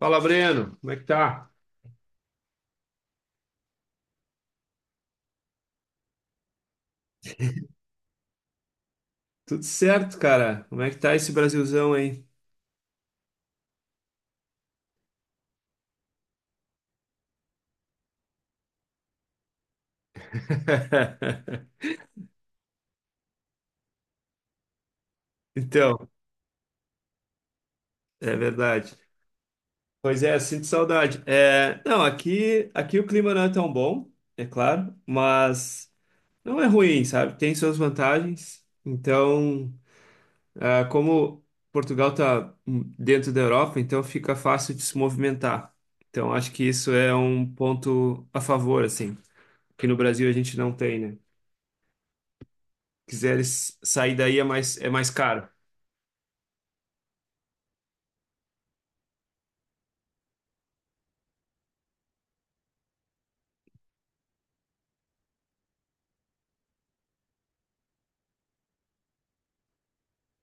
Fala, Breno, como é que tá? Tudo certo, cara. Como é que tá esse Brasilzão aí? Então. É verdade. Pois é, sinto saudade. É, não, aqui o clima não é tão bom, é claro, mas não é ruim, sabe? Tem suas vantagens. Então, como Portugal tá dentro da Europa, então fica fácil de se movimentar. Então, acho que isso é um ponto a favor, assim, que no Brasil a gente não tem, né? Quiseres sair daí é mais, caro.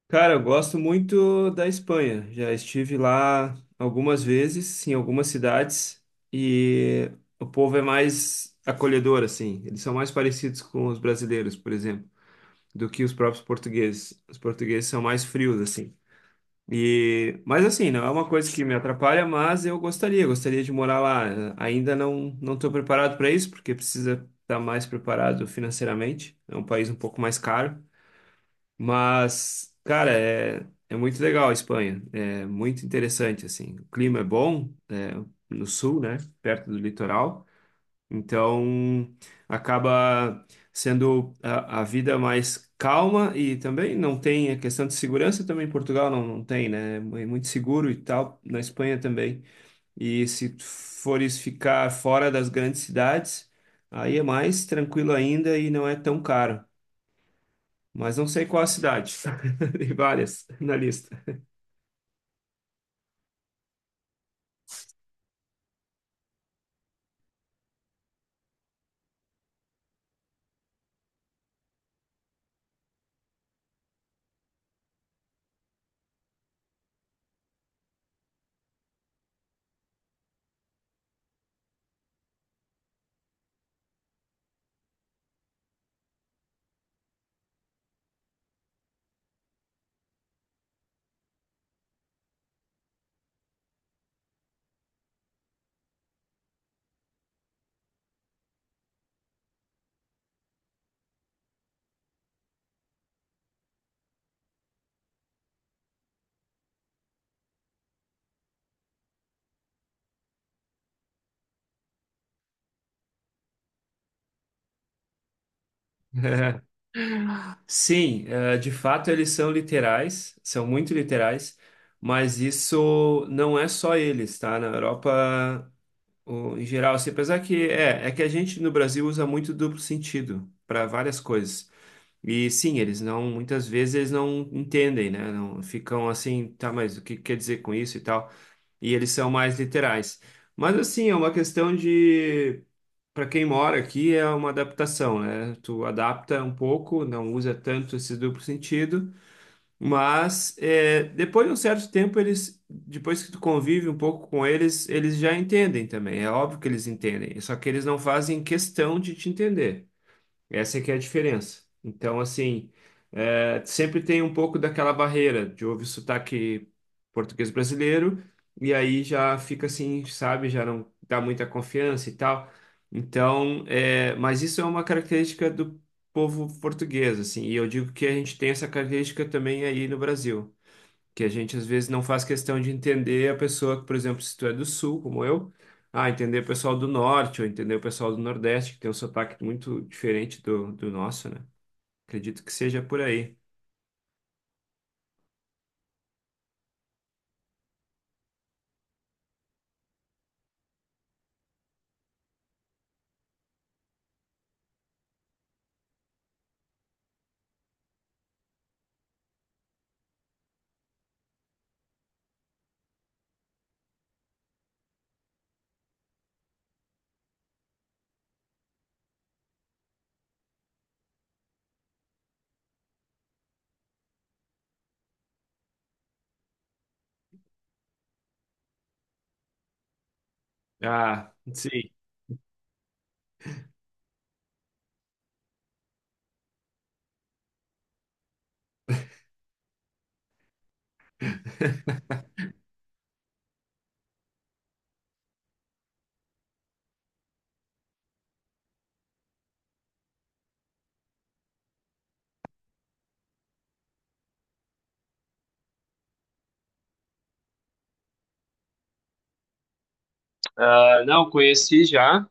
Cara, eu gosto muito da Espanha. Já estive lá algumas vezes, em algumas cidades, e o povo é mais acolhedor, assim. Eles são mais parecidos com os brasileiros, por exemplo, do que os próprios portugueses. Os portugueses são mais frios, assim. E, mas assim, não é uma coisa que me atrapalha, mas eu gostaria de morar lá. Ainda não estou preparado para isso, porque precisa estar mais preparado financeiramente. É um país um pouco mais caro. Mas, cara, é muito legal a Espanha. É muito interessante, assim. O clima é bom, é, no sul, né? Perto do litoral. Então, acaba sendo a vida mais calma e também não tem a questão de segurança. Também em Portugal não, não tem, né? É muito seguro e tal. Na Espanha também. E se tu fores ficar fora das grandes cidades, aí é mais tranquilo ainda e não é tão caro, mas não sei qual a cidade. Tem várias na lista. É, sim, é, de fato eles são literais, são muito literais, mas isso não é só eles, tá? Na Europa, em geral, assim, apesar que é que a gente no Brasil usa muito duplo sentido para várias coisas. E sim, eles não, muitas vezes eles não entendem, né? Não ficam assim, tá, mas o que quer dizer com isso e tal? E eles são mais literais. Mas assim, é uma questão de, para quem mora aqui, é uma adaptação, né? Tu adapta um pouco, não usa tanto esse duplo sentido, mas é, depois de um certo tempo eles, depois que tu convive um pouco com eles, eles já entendem também. É óbvio que eles entendem, só que eles não fazem questão de te entender. Essa é que é a diferença. Então, assim, é, sempre tem um pouco daquela barreira de ouvir sotaque português brasileiro e aí já fica assim, sabe, já não dá muita confiança e tal. Então, é, mas isso é uma característica do povo português, assim, e eu digo que a gente tem essa característica também aí no Brasil, que a gente às vezes não faz questão de entender a pessoa. Que, por exemplo, se tu é do sul, como eu, entender o pessoal do norte ou entender o pessoal do nordeste, que tem um sotaque muito diferente do, nosso, né? Acredito que seja por aí. Ah, sim. Ah, não, conheci já,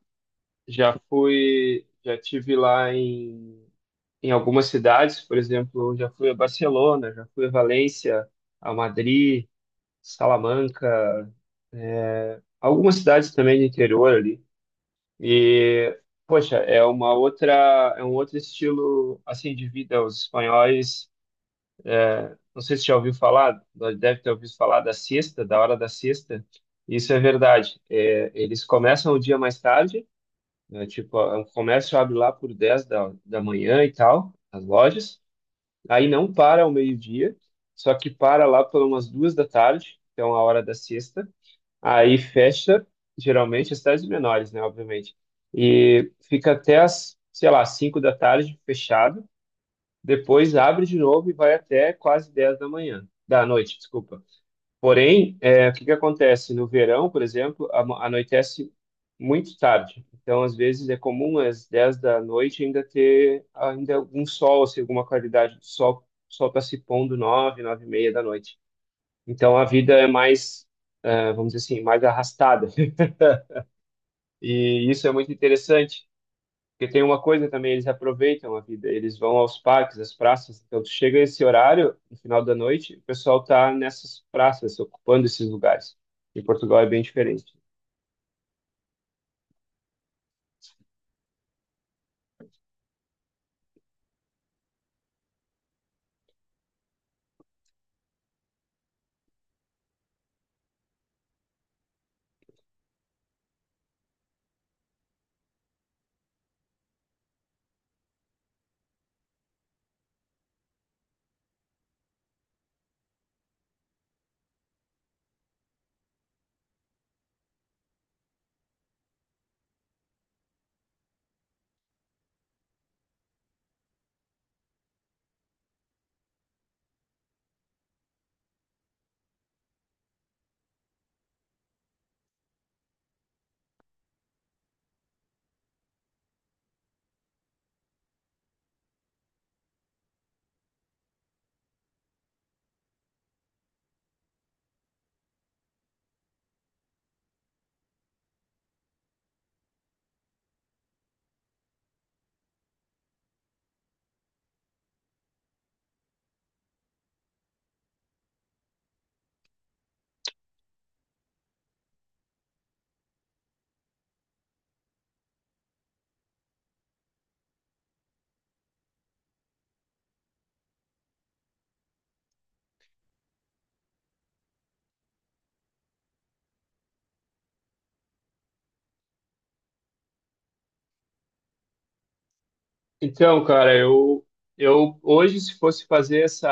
já fui, já tive lá em algumas cidades, por exemplo, já fui a Barcelona, já fui a Valência, a Madrid, Salamanca, algumas cidades também do interior ali. E, poxa, é uma outra, é um outro estilo assim de vida. Os espanhóis, não sei se já ouviu falar, deve ter ouvido falar da siesta, da hora da siesta. Isso é verdade. É, eles começam o dia mais tarde, né, tipo, o comércio abre lá por 10 da manhã e tal, as lojas. Aí não para ao meio-dia, só que para lá por umas 2 da tarde, então a hora da siesta. Aí fecha, geralmente, as cidades menores, né, obviamente. E fica até as, sei lá, 5 da tarde fechado. Depois abre de novo e vai até quase 10 da manhã, da noite, desculpa. Porém, é, o que que acontece? No verão, por exemplo, anoitece muito tarde. Então, às vezes, é comum às 10 da noite ainda ter ainda algum sol, assim, alguma qualidade do sol. O sol está se pondo 9, 9h30 da noite. Então, a vida é mais, vamos dizer assim, mais arrastada. E isso é muito interessante, porque tem uma coisa também, eles aproveitam a vida, eles vão aos parques, às praças, então tu chega esse horário, no final da noite, o pessoal tá nessas praças, ocupando esses lugares. Em Portugal é bem diferente. Então, cara, eu, hoje, se fosse fazer essa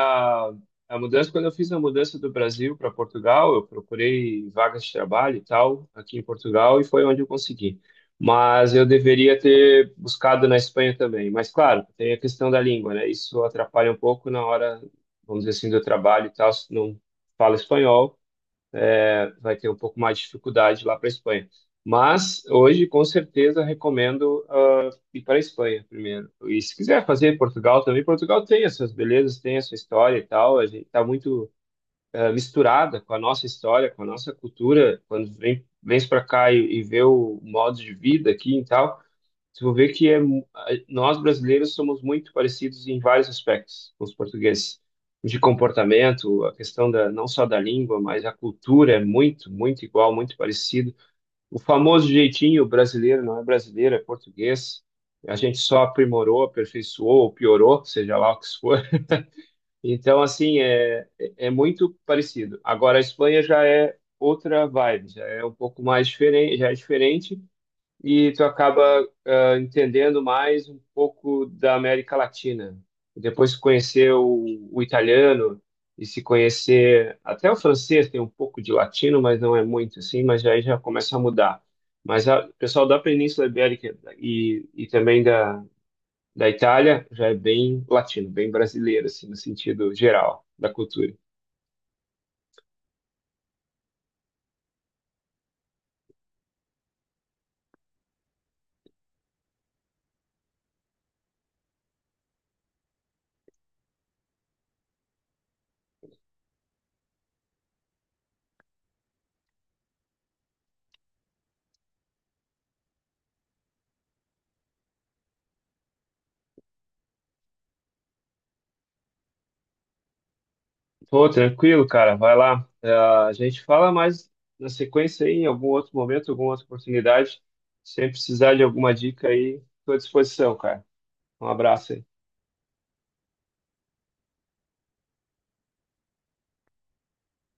a mudança, quando eu fiz a mudança do Brasil para Portugal, eu procurei vagas de trabalho e tal aqui em Portugal e foi onde eu consegui. Mas eu deveria ter buscado na Espanha também. Mas, claro, tem a questão da língua, né? Isso atrapalha um pouco na hora, vamos dizer assim, do trabalho e tal, se não fala espanhol vai ter um pouco mais de dificuldade lá para a Espanha. Mas hoje, com certeza, recomendo ir para a Espanha primeiro. E se quiser fazer Portugal também, Portugal tem as suas belezas, tem a sua história e tal. A gente está muito misturada com a nossa história, com a nossa cultura. Quando vem, vem para cá e, vê o modo de vida aqui e tal, você vai ver que é, nós brasileiros somos muito parecidos em vários aspectos com os portugueses. De comportamento, a questão da, não só da língua, mas a cultura é muito, muito igual, muito parecido. O famoso jeitinho brasileiro não é brasileiro, é português. A gente só aprimorou, aperfeiçoou ou piorou, seja lá o que isso for. Então, assim, é muito parecido. Agora, a Espanha já é outra vibe, já é um pouco mais diferente, já é diferente e tu acaba entendendo mais um pouco da América Latina. Depois de conhecer o, italiano e se conhecer até o francês, tem um pouco de latino, mas não é muito assim, mas aí já começa a mudar. Mas o pessoal da Península Ibérica e também da Itália já é bem latino, bem brasileiro, assim, no sentido geral da cultura. Pô, tranquilo, cara, vai lá. A gente fala mais na sequência aí, em algum outro momento, alguma outra oportunidade. Sem precisar de alguma dica aí, estou à disposição, cara. Um abraço aí.